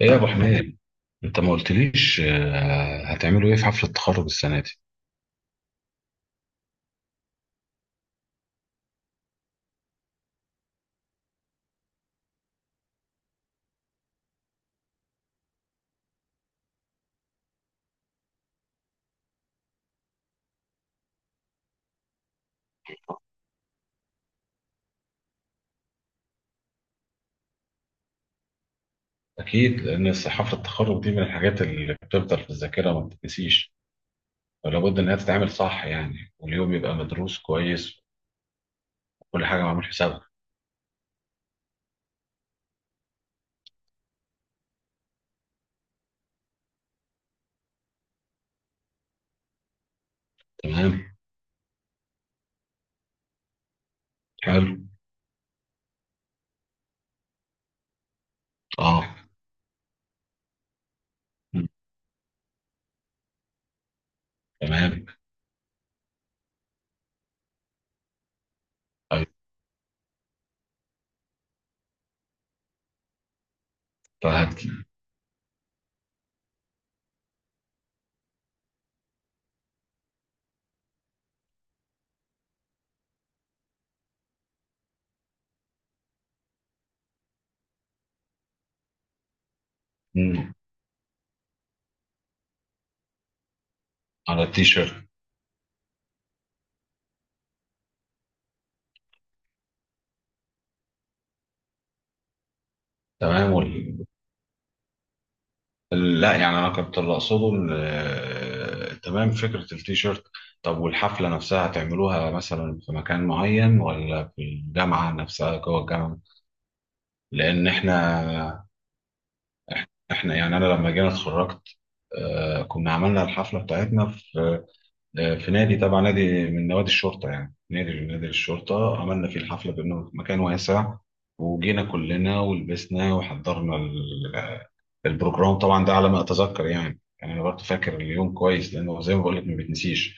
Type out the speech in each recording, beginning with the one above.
ايه يا ابو حميد؟ انت ما قلتليش. هتعملوا ايه في حفله التخرج السنه دي؟ اكيد لان حفله التخرج دي من الحاجات اللي بتفضل في الذاكره ما بتتنسيش، ولابد انها تتعمل صح يعني، واليوم يبقى مدروس كويس وكل حاجه معمول حسابها. تمام. حلو. اه. م. تمام. أيوة. فهت. م. على التيشيرت. تمام. لا يعني انا كنت اللي اقصده إن، تمام فكره التيشيرت. طب والحفله نفسها هتعملوها مثلا في مكان معين ولا في الجامعه نفسها جوه الجامعه؟ لان احنا، احنا يعني انا لما جينا اتخرجت، كنا عملنا الحفله بتاعتنا في، في نادي، تبع نادي من نوادي الشرطه، يعني نادي الشرطه عملنا فيه الحفله بانه في مكان واسع، وجينا كلنا ولبسنا وحضرنا. البروجرام طبعا ده على ما اتذكر، يعني انا برضه فاكر اليوم كويس، لانه زي ما بقول لك ما بيتنسيش.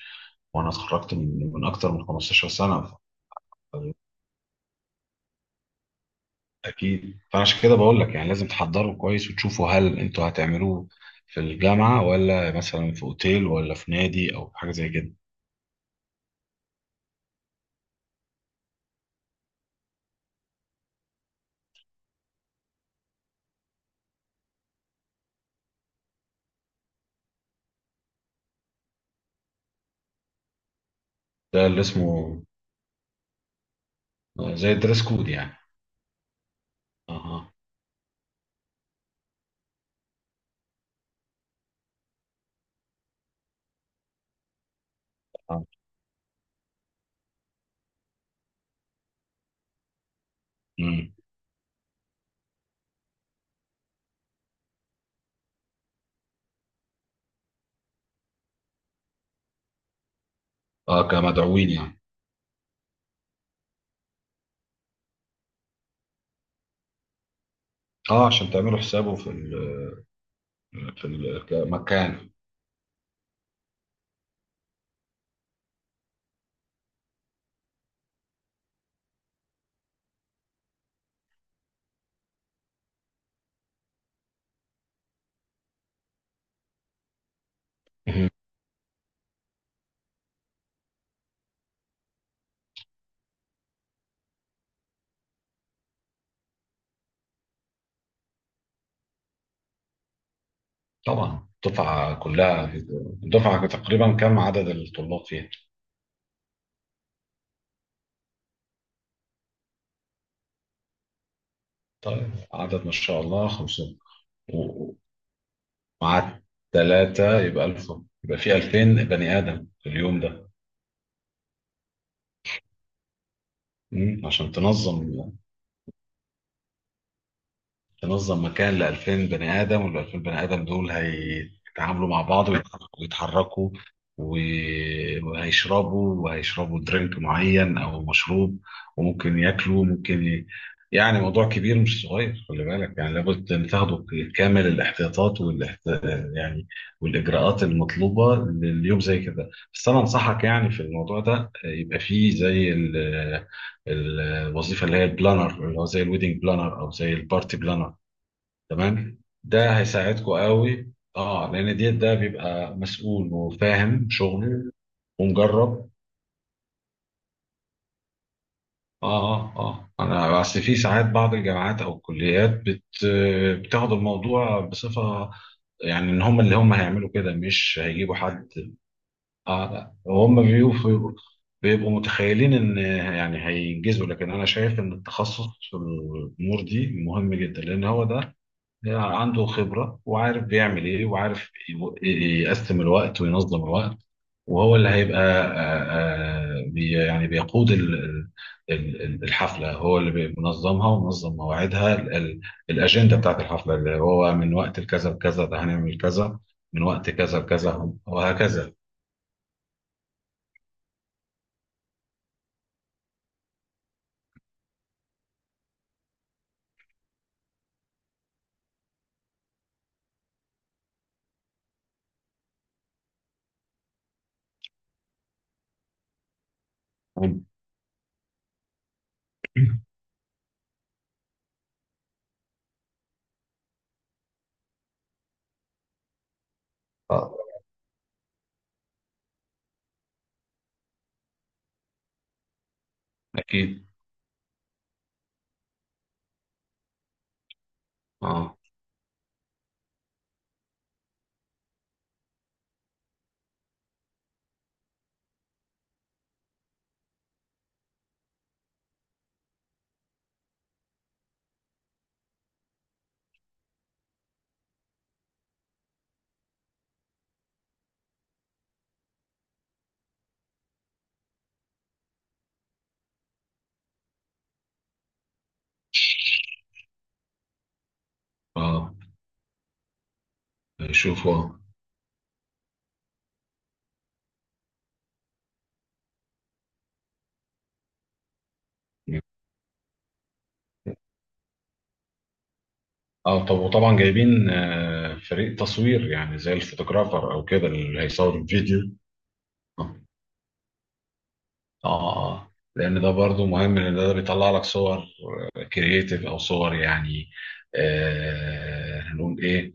وانا اتخرجت من اكتر من 15 سنه. اكيد، فانا عشان كده بقول لك يعني لازم تحضروا كويس وتشوفوا هل انتوا هتعملوه في الجامعه ولا مثلا في اوتيل ولا في نادي او حاجه زي كده. ده اللي اسمه زي الدريس كود يعني. اها. اه. مم. كمدعوين يعني. اه عشان تعملوا حسابه في ال، في المكان. طبعا الدفعة كلها، الدفعة تقريبا كم عدد الطلاب فيها؟ طيب عدد ما شاء الله 500. و- ومع ثلاثة يبقى 1000، يبقى في 2000 بني آدم في اليوم ده. مم. عشان تنظم مكان ل 2000 بني ادم، وال 2000 بني ادم دول هيتعاملوا مع بعض ويتح- ويتحركوا، وهيشربوا درينك معين او مشروب، وممكن ياكلوا، ممكن ي... يعني موضوع كبير مش صغير، خلي بالك يعني لابد ان تاخدوا كامل الاحتياطات والاحت... يعني والاجراءات المطلوبه لليوم زي كده. بس انا انصحك يعني في الموضوع ده يبقى فيه زي ال... الوظيفه اللي هي البلانر، اللي هو زي الويدنج بلانر او زي البارتي بلانر. تمام. ده هيساعدكم قوي، اه لان ديت ده بيبقى مسؤول وفاهم شغله. مم. ومجرب. اه انا بس في ساعات بعض الجامعات او الكليات بت، بتاخد الموضوع بصفه، يعني ان هم اللي هم هيعملوا كده مش هيجيبوا حد. اه لا، هم بيبقوا، بيبقوا متخيلين ان، يعني هينجزوا. لكن انا شايف ان التخصص في الامور دي مهم جدا، لان هو ده عنده خبرة وعارف بيعمل إيه، وعارف ي- يقسم الوقت وينظم الوقت، وهو اللي هيبقى آه، آه، بي يعني بيقود الحفلة، هو اللي بينظمها ومنظم مواعيدها، الأجندة بتاعت الحفلة، اللي هو من وقت لكذا لكذا ده هنعمل كذا، من وقت كذا لكذا وهكذا. آه، أكيد. أه. أه. شوفوا. اه طب وطبعا جايبين، فريق تصوير يعني زي الفوتوغرافر او كده، اللي هيصور الفيديو. اه. اه. آه. لان ده برضو مهم، لان ده بيطلع لك صور كرييتيف او صور يعني، آه هنقول ايه،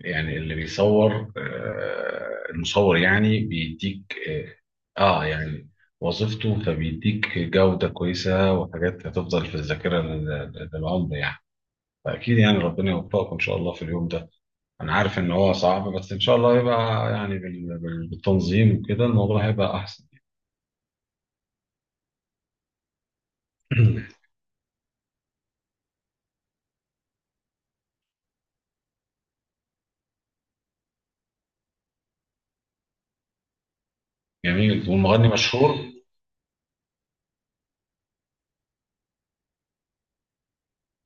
يعني اللي بيصور، المصور يعني بيديك يعني وظيفته، فبيديك جودة كويسة وحاجات هتفضل في الذاكرة، للعمر يعني. فأكيد يعني ربنا يوفقكم إن شاء الله في اليوم ده. انا عارف ان هو صعب، بس ان شاء الله يبقى يعني بالتنظيم وكده الموضوع هيبقى احسن. جميل، والمغني مشهور؟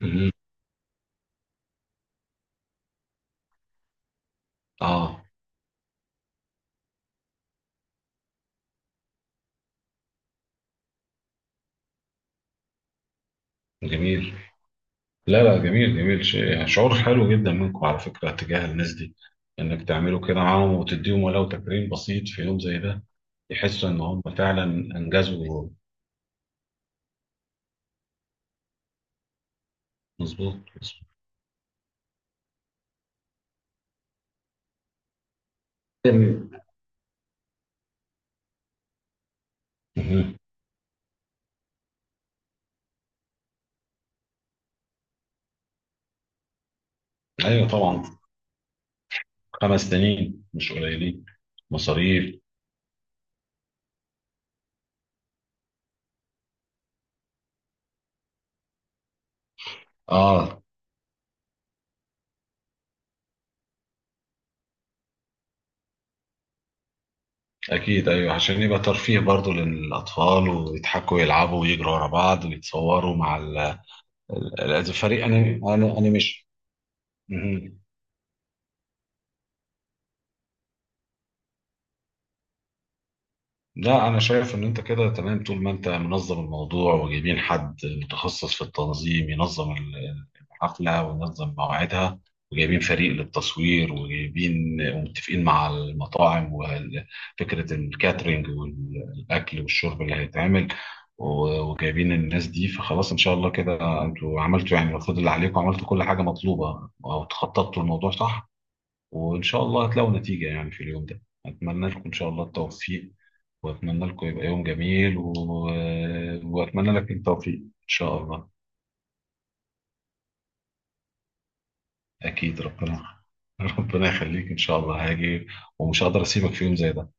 مهم. اه. جميل. لا لا، جميل، جميل شيء يعني، شعور حلو جدا منكم على فكرة تجاه الناس دي، انك تعملوا كده معاهم وتديهم ولو تكريم بسيط في يوم زي ده، يحسوا ان هم فعلا انجزوا. مظبوط. مظبوط. مم. مهم. ايوه طبعا، خمس سنين مش قليلين. مصاريف. اه. أكيد أيوه، عشان يبقى ترفيه برضه للأطفال، ويضحكوا ويلعبوا ويجروا ورا بعض ويتصوروا مع ال... الفريق أنيميشن. مهم. لا أنا شايف إن أنت كده تمام، طول ما أنت منظم الموضوع وجايبين حد متخصص في التنظيم ينظم الحفلة وينظم مواعيدها، وجايبين فريق للتصوير، وجايبين ومتفقين مع المطاعم وفكرة الكاترينج والأكل والشرب اللي هيتعمل، وجايبين الناس دي، فخلاص إن شاء الله كده أنتوا عملتوا يعني المفروض اللي عليكم، عملتوا كل حاجة مطلوبة أو تخططتوا الموضوع صح، وإن شاء الله هتلاقوا نتيجة يعني في اليوم ده. أتمنى لكم إن شاء الله التوفيق، واتمنى لكم يبقى يوم جميل، و... واتمنى لك التوفيق ان شاء الله. اكيد، ربنا ربنا يخليك، ان شاء الله هاجي ومش هقدر اسيبك في يوم زي ده.